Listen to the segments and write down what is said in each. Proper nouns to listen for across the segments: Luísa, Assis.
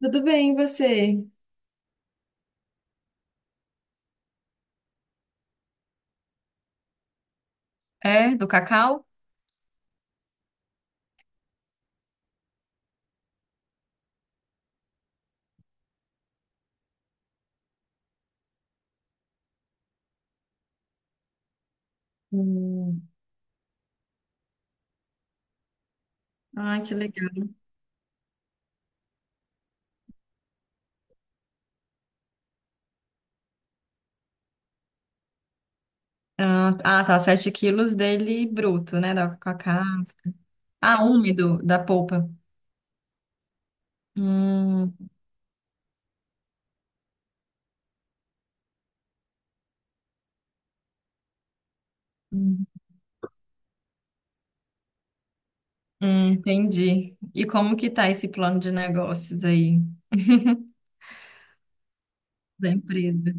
Tudo bem, e você? É, do cacau? Hum. Ai, que legal. Ah, ah, tá, 7 quilos dele bruto, né? Da, com a casca. Ah, úmido, da polpa. Hum, Hum. Entendi. E como que tá esse plano de negócios aí da empresa?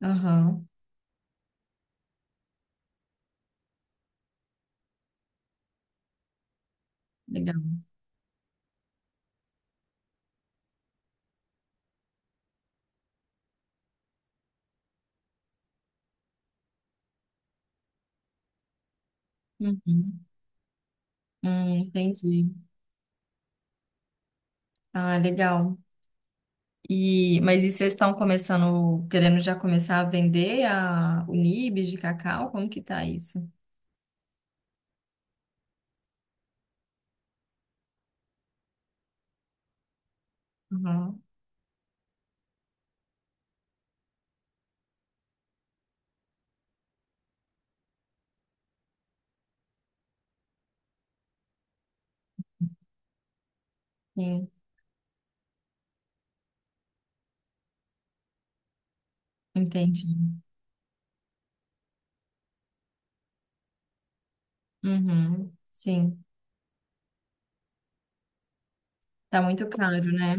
Aham, legal. Uhum, entendi. Ah, legal. Mas e vocês estão começando, querendo já começar a vender o nibs de cacau? Como que tá isso? Aham, entendi. Uhum. Sim, tá muito caro, né?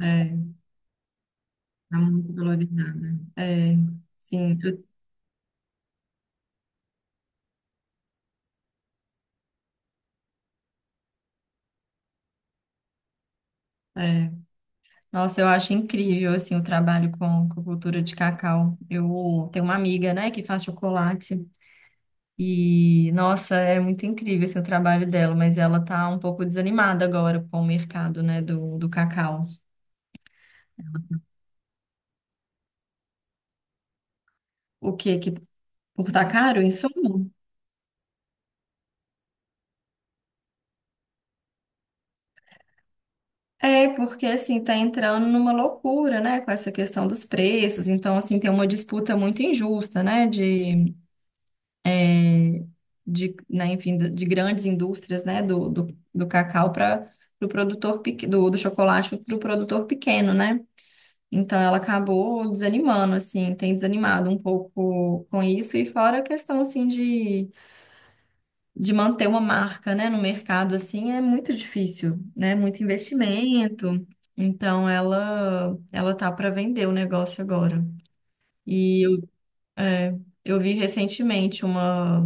É, tá muito valorizada. Sim, eu- é. Nossa, eu acho incrível, assim, o trabalho com cultura de cacau. Eu tenho uma amiga, né, que faz chocolate e, nossa, é muito incrível, assim, o trabalho dela, mas ela tá um pouco desanimada agora com o mercado, né, do cacau. O que que, por tá caro, insumo? É, porque assim, tá entrando numa loucura, né, com essa questão dos preços. Então, assim, tem uma disputa muito injusta, né, enfim, de grandes indústrias, né, do cacau para o do chocolate para o produtor pequeno, né? Então, ela acabou desanimando, assim, tem desanimado um pouco com isso. E fora a questão, assim, de manter uma marca, né, no mercado assim é muito difícil, né? Muito investimento. Então ela tá para vender o negócio agora. E eu, é, eu vi recentemente uma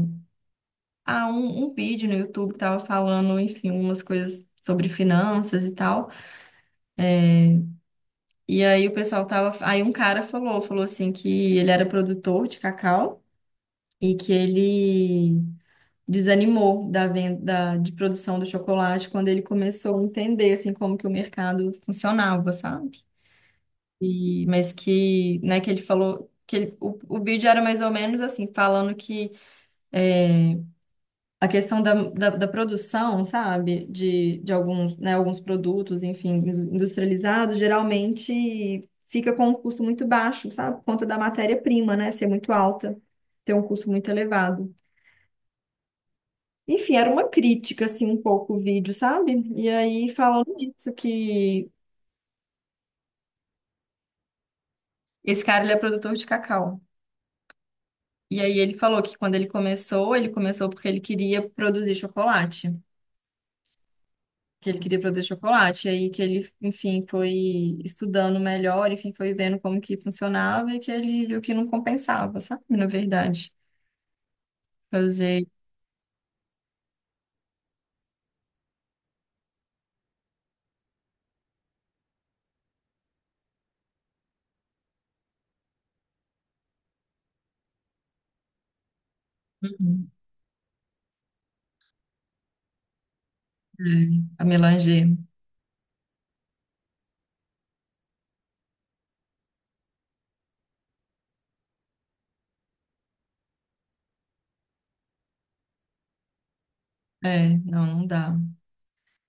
ah, um, um vídeo no YouTube que tava falando, enfim, umas coisas sobre finanças e tal. E aí o pessoal tava, aí um cara falou assim que ele era produtor de cacau e que ele desanimou da venda de produção do chocolate quando ele começou a entender assim como que o mercado funcionava, sabe? E mas que, né, que ele falou que ele- o vídeo era mais ou menos assim, falando que é, a questão da produção, sabe, de alguns, né, alguns produtos, enfim, industrializados, geralmente fica com um custo muito baixo, sabe, por conta da matéria-prima, né, ser muito alta, ter um custo muito elevado. Enfim, era uma crítica, assim, um pouco o vídeo, sabe? E aí falando isso, que esse cara, ele é produtor de cacau. E aí ele falou que quando ele começou porque ele queria produzir chocolate. Que ele queria produzir chocolate. E aí que ele, enfim, foi estudando melhor, enfim, foi vendo como que funcionava e que ele viu que não compensava, sabe? Na verdade. Fazer. Uhum. É, a melanger. É, não, não dá.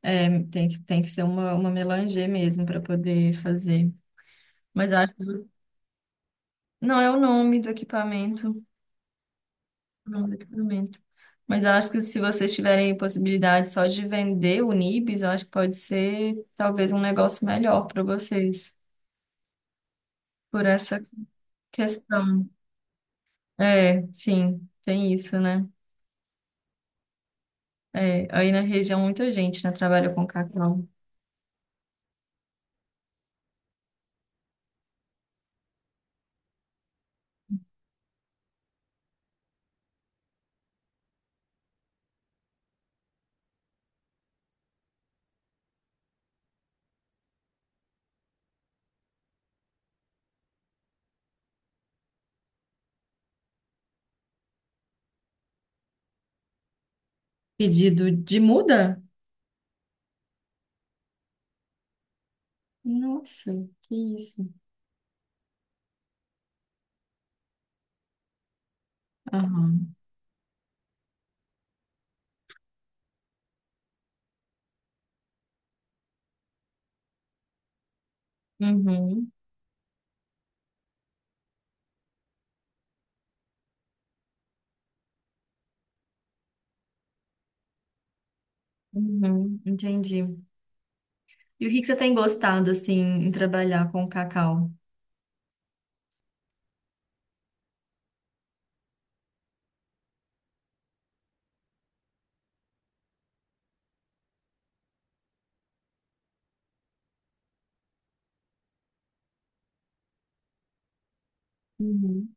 É, tem que ser uma melanger mesmo para poder fazer. Mas eu acho que não é o nome do equipamento, o nome do equipamento. Mas eu acho que se vocês tiverem possibilidade só de vender o Nibs, eu acho que pode ser talvez um negócio melhor para vocês, por essa questão. É, sim, tem isso, né? É, aí na região muita gente, né, trabalha com cacau. Pedido de muda? Nossa, que isso. Aham. Uhum, uhum, entendi. E o que que você tem gostado, assim, em trabalhar com cacau? Uhum.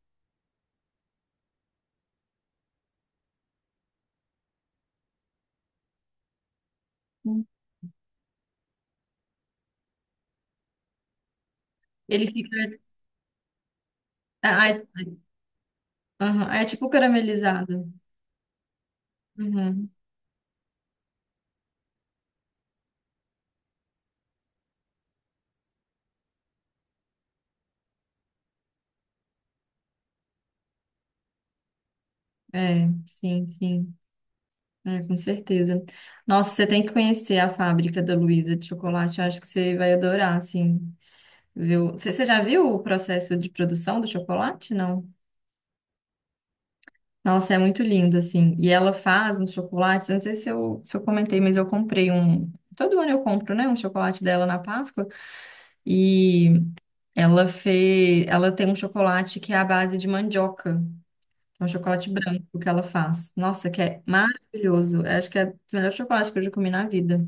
Ele fica. Ah, é, aham, é tipo caramelizado. Uhum, é, sim, sim. É, com certeza. Nossa, você tem que conhecer a fábrica da Luísa de chocolate. Eu acho que você vai adorar, assim. Viu? Você já viu o processo de produção do chocolate? Não. Nossa, é muito lindo, assim. E ela faz uns chocolates. Eu Não sei se eu comentei, mas eu comprei um. Todo ano eu compro, né, um chocolate dela na Páscoa. E ela fez. Ela tem um chocolate que é à base de mandioca. É um chocolate branco que ela faz. Nossa, que é maravilhoso. Acho que é o melhor chocolate que eu já comi na vida.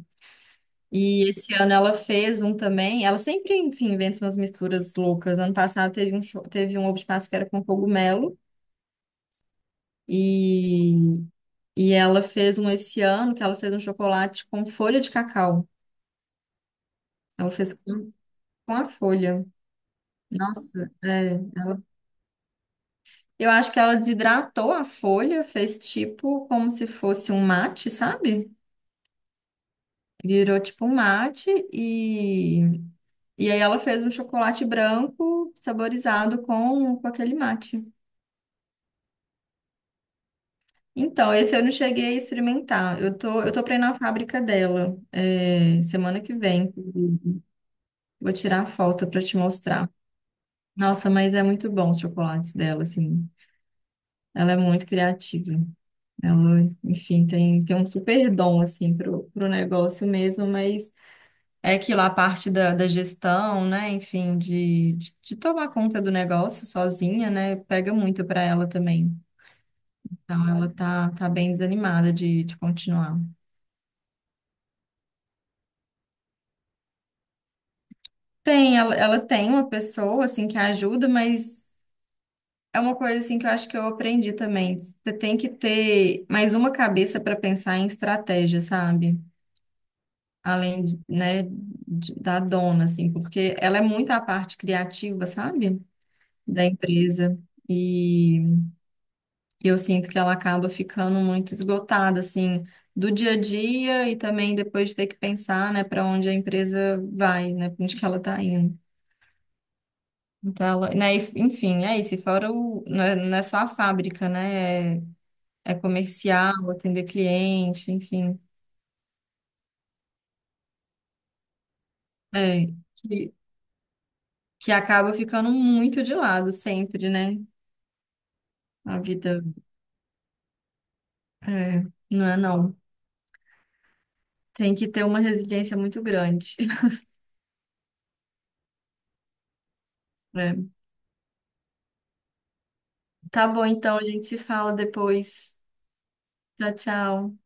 E esse ano ela fez um também. Ela sempre, enfim, inventa umas misturas loucas. Ano passado teve um ovo de Páscoa que era com cogumelo. E, e ela fez um esse ano que ela fez um chocolate com folha de cacau. Ela fez com a folha. Nossa, é, ela- eu acho que ela desidratou a folha, fez tipo como se fosse um mate, sabe? Virou tipo um mate e aí ela fez um chocolate branco saborizado com aquele mate. Então, esse eu não cheguei a experimentar. Eu tô pra ir na fábrica dela, é, semana que vem. Vou tirar a foto pra te mostrar. Nossa, mas é muito bom os chocolates dela, assim. Ela é muito criativa. Ela, enfim, tem um super dom, assim, pro negócio mesmo, mas é aquilo, a parte da gestão, né? Enfim, de tomar conta do negócio sozinha, né? Pega muito para ela também. Então, tá bem desanimada de continuar. Tem, ela tem uma pessoa, assim, que ajuda, mas é uma coisa, assim, que eu acho que eu aprendi também. Você tem que ter mais uma cabeça para pensar em estratégia, sabe? Além, de, né, da dona, assim, porque ela é muito a parte criativa, sabe? Da empresa. E. E eu sinto que ela acaba ficando muito esgotada, assim, do dia a dia e também depois de ter que pensar, né, para onde a empresa vai, né, para onde que ela está indo. Então, ela, né, enfim, é isso. E fora o, não é só a fábrica, né, é, é comercial, atender cliente, enfim, é, que, que acaba ficando muito de lado sempre, né, a vida, é, não é não. Tem que ter uma resiliência muito grande. Né? Tá bom, então, a gente se fala depois. Tchau, tchau.